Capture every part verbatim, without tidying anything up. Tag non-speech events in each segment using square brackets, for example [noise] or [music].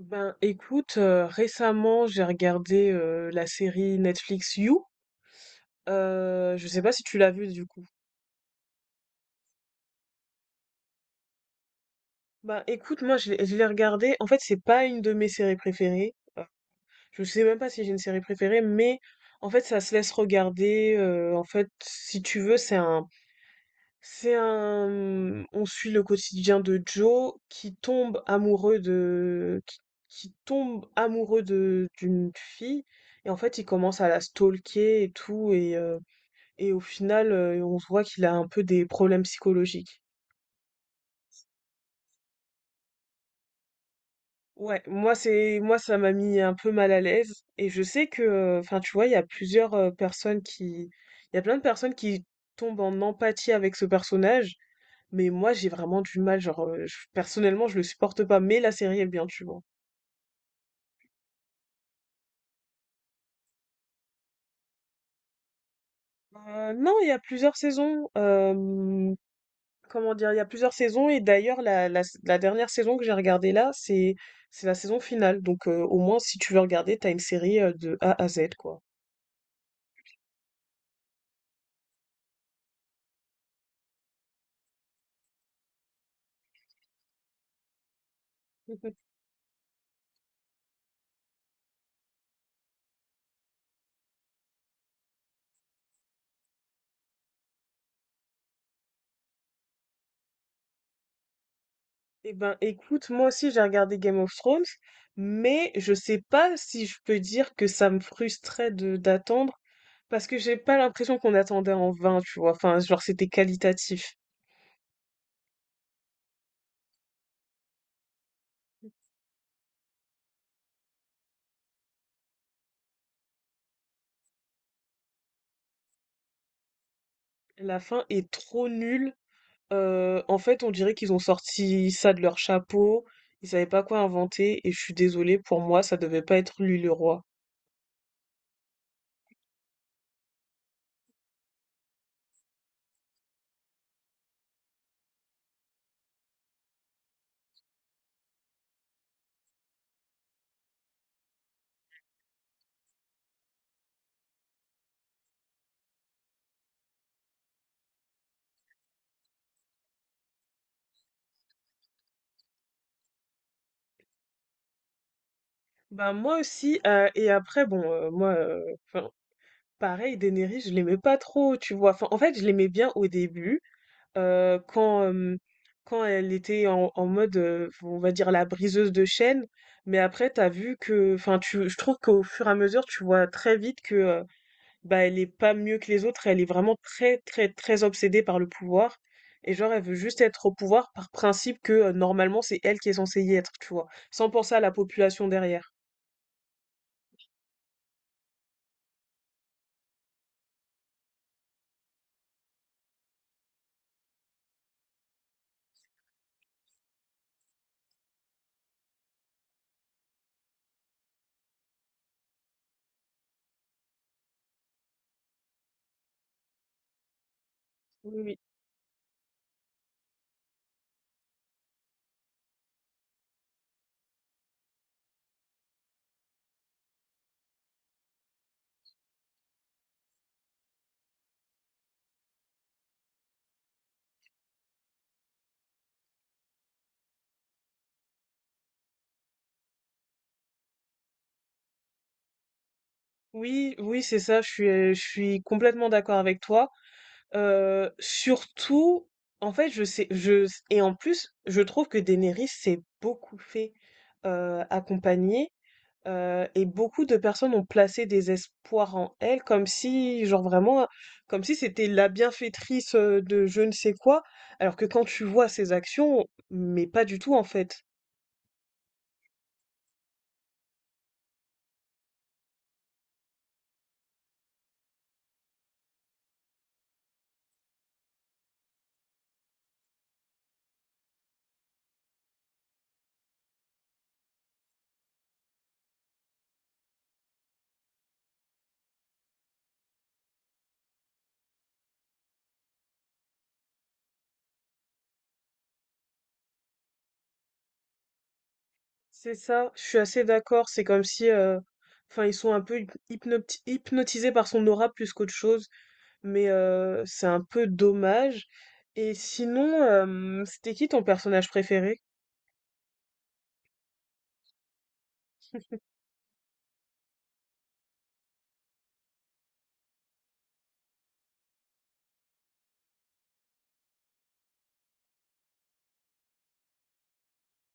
Ben écoute, euh, récemment j'ai regardé euh, la série Netflix You. Euh, je sais pas si tu l'as vue du coup. Ben écoute, moi je l'ai je l'ai regardée. En fait, c'est pas une de mes séries préférées. Euh, Je sais même pas si j'ai une série préférée, mais en fait ça se laisse regarder. Euh, en fait, si tu veux, c'est un C'est un, mmh, on suit le quotidien de Joe qui tombe amoureux de, qui, qui tombe amoureux de, d'une fille. Et en fait, il commence à la stalker et tout. Et, euh, et au final, euh, on se voit qu'il a un peu des problèmes psychologiques. Ouais, moi, c'est, moi, ça m'a mis un peu mal à l'aise. Et je sais que, enfin, tu vois, il y a plusieurs euh, personnes qui, il y a plein de personnes qui tombent en empathie avec ce personnage. Mais moi, j'ai vraiment du mal, genre, heu, je personnellement, je le supporte pas, mais la série est bien, tu vois? Heu, non, il y a plusieurs saisons, hem, comment dire? Il y a plusieurs saisons et d'ailleurs la la la dernière saison que j'ai regardée là, c'est c'est la saison finale, donc heu, au moins si tu veux regarder, t'as une série, heu, de A à Z, quoi. [laughs] Eh ben, écoute, moi aussi j'ai regardé Game of Thrones, mais je sais pas si je peux dire que ça me frustrait de d'attendre, parce que j'ai pas l'impression qu'on attendait en vain, tu vois? Enfin, genre, c'était qualitatif. La fin est trop nulle. Euh, en fait, on dirait qu'ils ont sorti ça de leur chapeau. Ils savaient pas quoi inventer et je suis désolée, pour moi, ça devait pas être lui le roi. Bah moi aussi. Euh, et après, bon, euh, moi, euh, 'fin, Pareil, Daenerys, je l'aimais pas trop, tu vois. Enfin, en fait, je l'aimais bien au début, euh, quand euh, quand elle était en, en mode, euh, on va dire la briseuse de chaînes. Mais après, t'as vu que, enfin, tu, je trouve qu'au fur et à mesure, tu vois très vite que euh, bah elle est pas mieux que les autres, elle est vraiment très très très obsédée par le pouvoir et genre elle veut juste être au pouvoir par principe que euh, normalement c'est elle qui est censée y être, tu vois, sans penser à la population derrière. Oui, oui. Oui, oui, c'est ça, je suis, euh, je suis complètement d'accord avec toi. Euh, surtout, En fait, je sais, je, et en plus, je trouve que Daenerys s'est beaucoup fait euh, accompagner, euh, et beaucoup de personnes ont placé des espoirs en elle, comme si, genre vraiment, comme si c'était la bienfaitrice euh, de je ne sais quoi, alors que quand tu vois ses actions, mais pas du tout en fait. C'est ça, je suis assez d'accord. C'est comme si, euh, enfin, ils sont un peu hyp- hypnoti- hypnotisés par son aura plus qu'autre chose, mais euh, c'est un peu dommage. Et sinon, euh, c'était qui ton personnage préféré?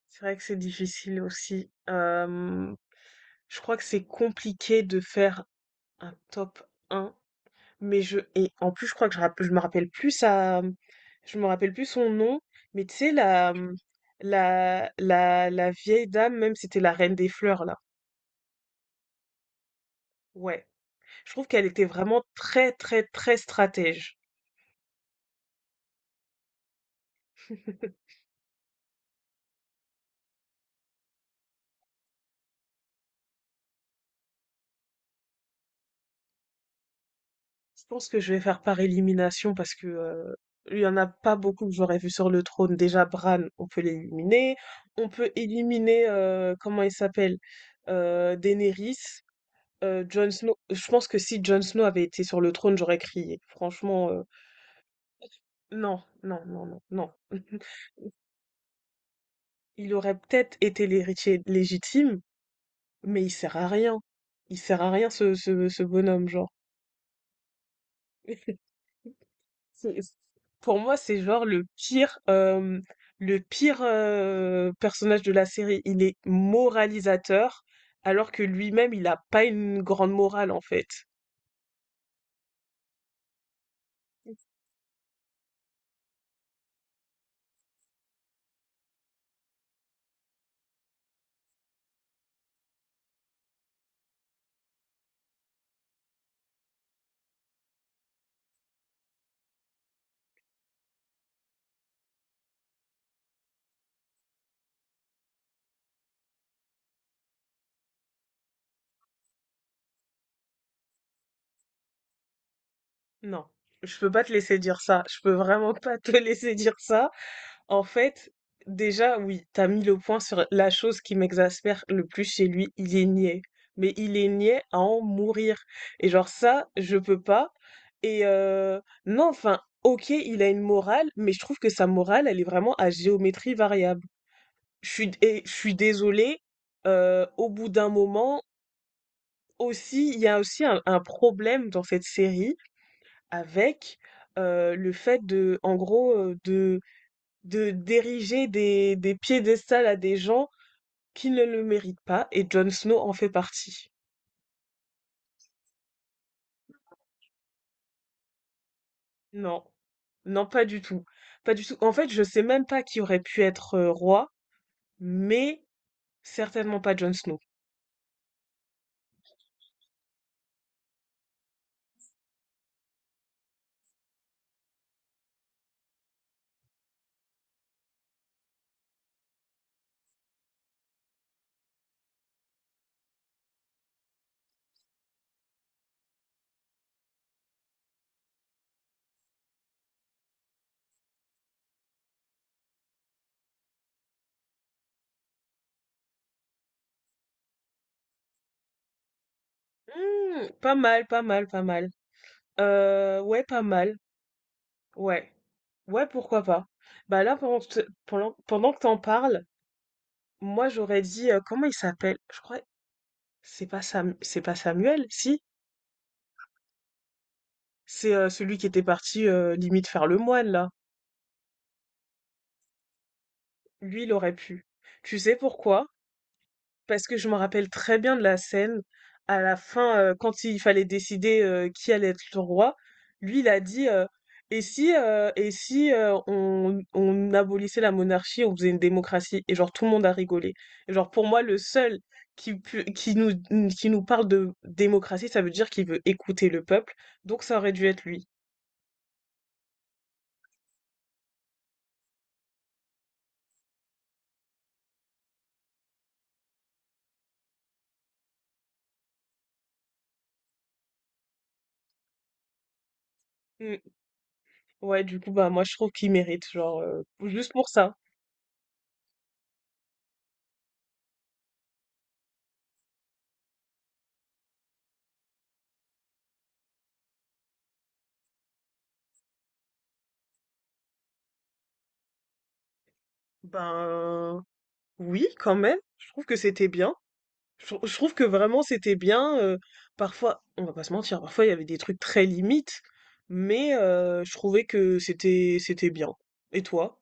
C'est vrai que c'est difficile aussi. Euh, je crois que c'est compliqué de faire un top un, mais je et en plus, je crois que je, rapp- je me rappelle plus ça, je me rappelle plus son nom, mais tu sais la la la la vieille dame, même c'était la reine des fleurs là. Ouais, je trouve qu'elle était vraiment très très très stratège. [laughs] Je pense que je vais faire par élimination parce que euh, il y en a pas beaucoup que j'aurais vu sur le trône. Déjà Bran, on peut l'éliminer. On peut éliminer euh, comment il s'appelle euh, Daenerys, euh, Jon Snow. Je pense que si Jon Snow avait été sur le trône, j'aurais crié. Franchement, euh, non, non, non, non, non. [laughs] Il aurait peut-être été l'héritier légitime, mais il sert à rien. Il sert à rien ce ce, ce bonhomme, genre. C'est Pour moi, c'est genre le pire, euh, le pire euh, personnage de la série. Il est moralisateur, alors que lui-même, il n'a pas une grande morale en fait. Non, je peux pas te laisser dire ça. Je peux vraiment pas te [laughs] laisser dire ça. En fait, déjà, oui, t'as mis le point sur la chose qui m'exaspère le plus chez lui, il est niais. Mais il est niais à en mourir. Et genre ça, je peux pas. Et euh, non, enfin, ok, il a une morale, mais je trouve que sa morale, elle est vraiment à géométrie variable. Je suis, et je suis désolée, euh, au bout d'un moment, aussi, il y a aussi un, un problème dans cette série avec euh, le fait de, en gros, euh, de de d'ériger des, des piédestals à des gens qui ne le méritent pas, et Jon Snow en fait partie. Non, non, pas du tout. Pas du tout. En fait, je sais même pas qui aurait pu être euh, roi, mais certainement pas Jon Snow. Hmm, pas mal, pas mal, pas mal. Euh, ouais, pas mal. Ouais. Ouais, pourquoi pas. Bah là, pendant, que- pendant, pendant que t'en parles, moi j'aurais dit, euh, comment il s'appelle? Je crois, c'est pas Sam, c'est pas Samuel, si? C'est euh, celui qui était parti euh, limite faire le moine, là. Lui, il aurait pu. Tu sais pourquoi? Parce que je me rappelle très bien de la scène. À la fin, euh, quand il fallait décider euh, qui allait être le roi, lui, il a dit euh, et si, euh, et si euh, on, on abolissait la monarchie, on faisait une démocratie? Et genre, tout le monde a rigolé. Et genre, pour moi, le seul qui, pu- qui nous, qui nous parle de démocratie, ça veut dire qu'il veut écouter le peuple. Donc, ça aurait dû être lui. Mm. Ouais, du coup, bah, moi, je trouve qu'il mérite, genre, euh, juste pour ça. Ben oui, quand même. Je trouve que c'était bien. Je, trou- je trouve que vraiment c'était bien. Euh, parfois, on va pas se mentir, parfois il y avait des trucs très limites, mais euh, je trouvais que c'était c'était bien. Et toi?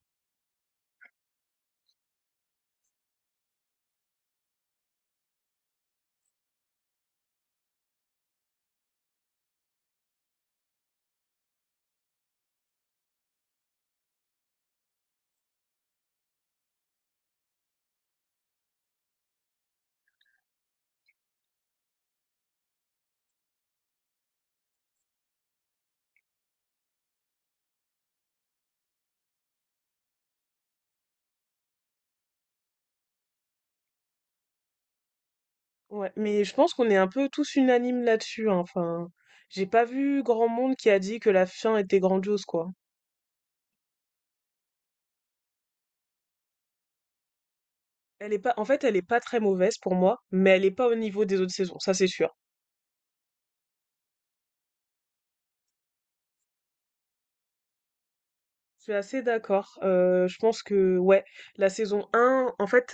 Ouais, mais je pense qu'on est un peu tous unanimes là-dessus. Hein, Enfin, j'ai pas vu grand monde qui a dit que la fin était grandiose, quoi. Elle est pas, en fait, elle est pas très mauvaise pour moi, mais elle est pas au niveau des autres saisons, ça c'est sûr. Je suis assez d'accord. Euh, je pense que ouais, la saison un, en fait.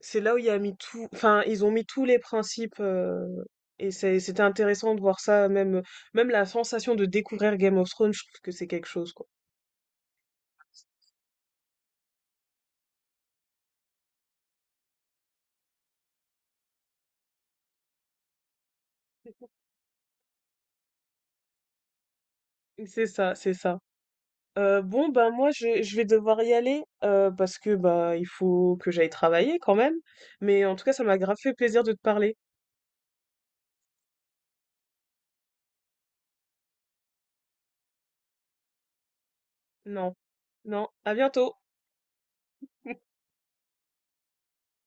C'est là où il y a mis tout, enfin, ils ont mis tous les principes euh, et c'est- c'était intéressant de voir ça, même, même la sensation de découvrir Game of Thrones, je trouve que c'est quelque chose, quoi. [laughs] C'est ça, c'est ça. Euh, bon, ben moi, je, je vais devoir y aller euh, parce que bah il faut que j'aille travailler quand même. Mais en tout cas, ça m'a grave fait plaisir de te parler. Non, non, à bientôt.